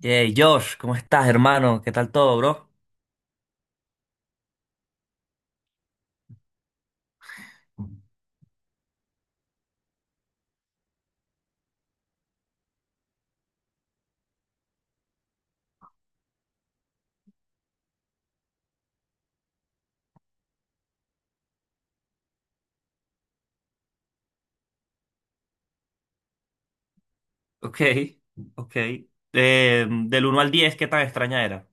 Hey, Josh, ¿cómo estás, hermano? ¿Qué tal todo, bro? Ok, ok. Del uno al 10, ¿qué tan extraña era?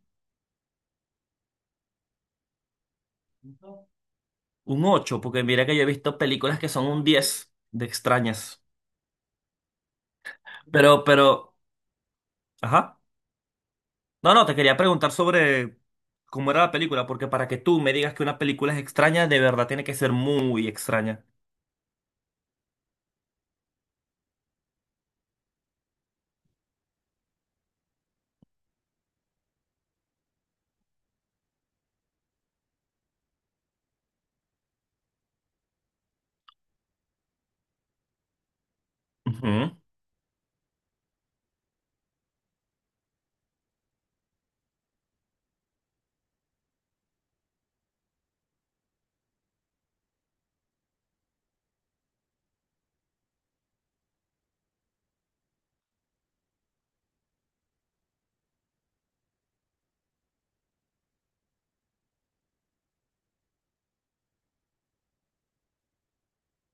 Un 8, porque mira que yo he visto películas que son un 10 de extrañas. Pero, pero, ajá. No, no, te quería preguntar sobre cómo era la película, porque para que tú me digas que una película es extraña, de verdad tiene que ser muy extraña. Ujú,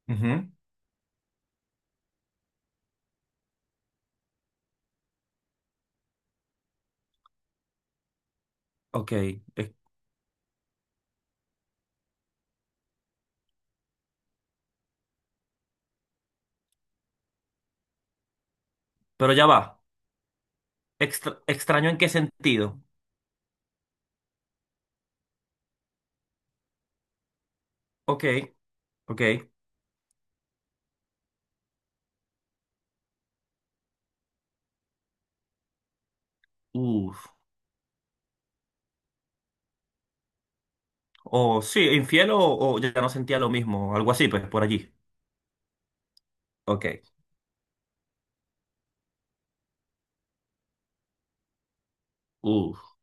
ujú. Ok, pero ya va. Extra- ¿extraño en qué sentido? Ok, ok. Uf. O sí, infiel o ya no sentía lo mismo, algo así, pues por allí. Ok. Uf.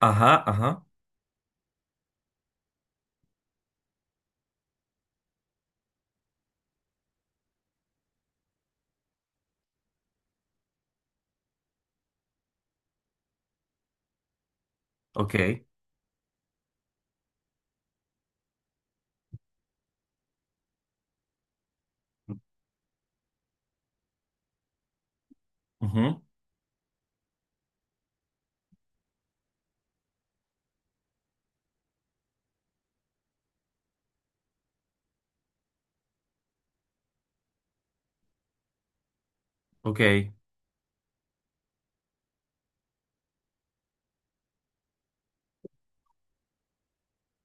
Ajá, ajá. Ok. Ujú. Ok.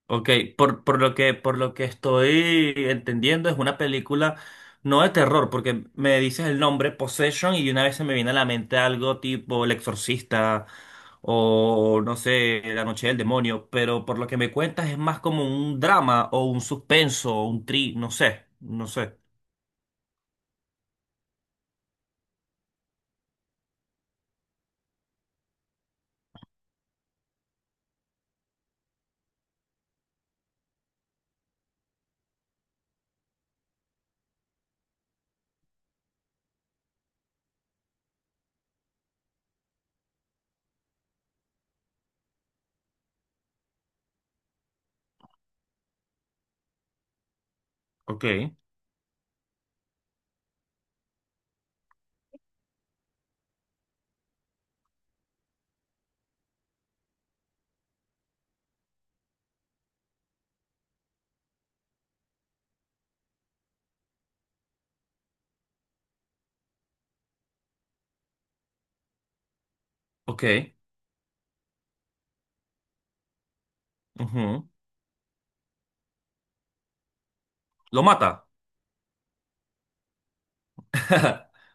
Ok. Por lo que estoy entendiendo, es una película no de terror, porque me dices el nombre Possession y una vez se me viene a la mente algo tipo El Exorcista o no sé, La Noche del Demonio, pero por lo que me cuentas es más como un drama o un suspenso o un tri, no sé, no sé. Ok. Ok. Lo mata.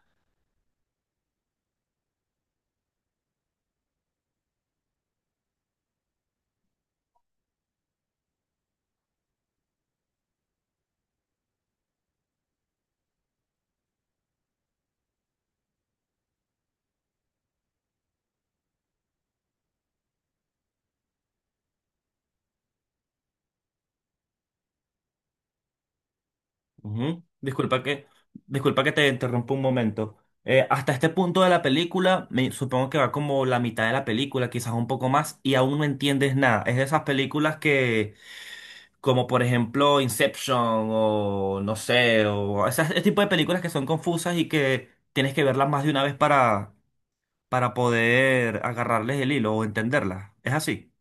Ujú. Disculpa que te interrumpa un momento. Hasta este punto de la película, supongo que va como la mitad de la película, quizás un poco más, y aún no entiendes nada. Es de esas películas que, como por ejemplo Inception o no sé, o esas, ese tipo de películas que son confusas y que tienes que verlas más de una vez para poder agarrarles el hilo o entenderlas. Es así,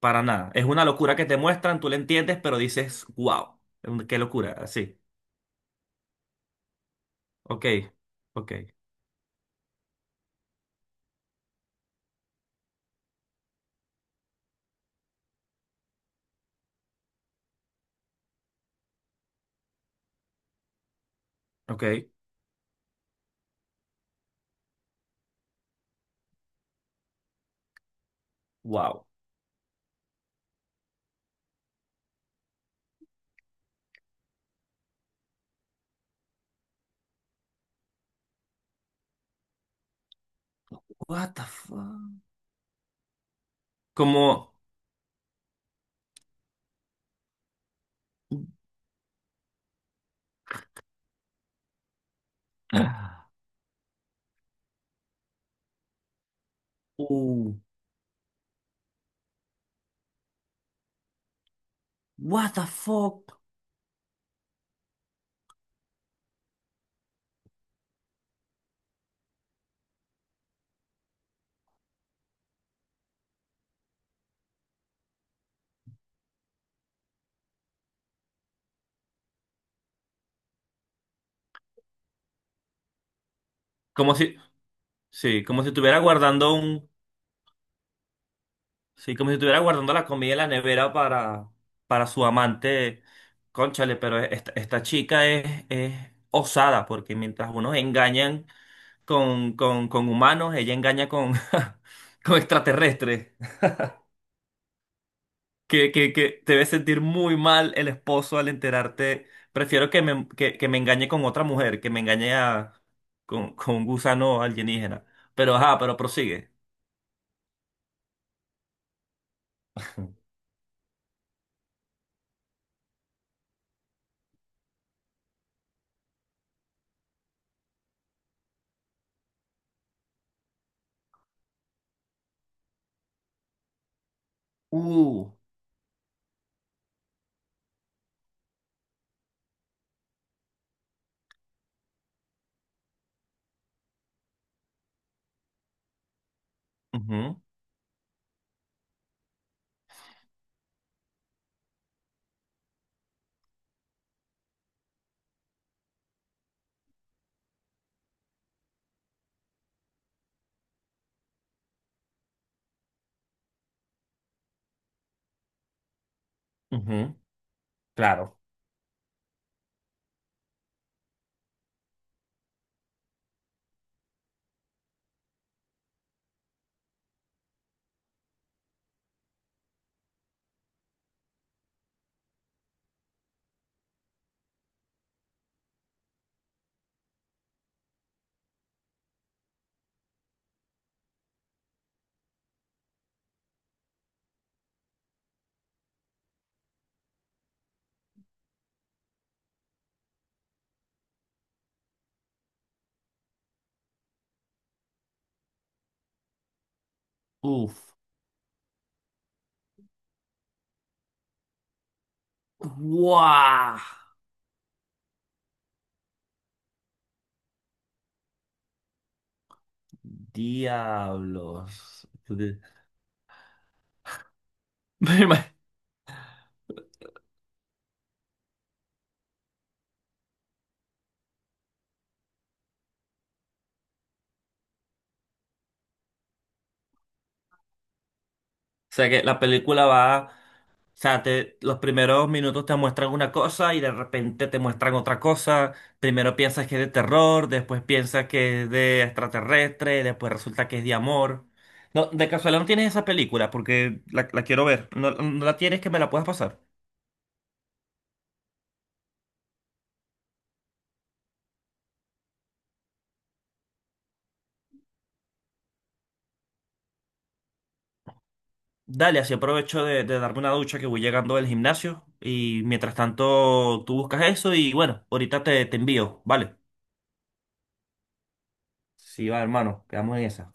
para nada. Es una locura que te muestran, tú la entiendes, pero dices, wow, qué locura, así. Ok, ok, ok. Wow. What the fuck? Como. Uh, what the fuck? Como si. Sí, como si estuviera guardando un. Sí, como si estuviera guardando la comida en la nevera para. Para su amante. Cónchale, pero esta chica es, osada, porque mientras unos engañan con humanos, ella engaña con, con extraterrestres. Que te debe sentir muy mal el esposo al enterarte. Prefiero que me engañe con otra mujer, que me engañe con un gusano alienígena. Pero ajá, pero prosigue. Uh, ujú, ujú, claro. Uf. ¡Guau! Diablos. Me ima- O sea que la película va. O sea, los primeros minutos te muestran una cosa y de repente te muestran otra cosa. Primero piensas que es de terror, después piensas que es de extraterrestre, después resulta que es de amor. No, de casualidad no tienes esa película porque la quiero ver. No, no la tienes que me la puedas pasar. Dale, así aprovecho de, darme una ducha que voy llegando del gimnasio y mientras tanto tú buscas eso y bueno, ahorita te envío, ¿vale? Sí, va, hermano, quedamos en esa.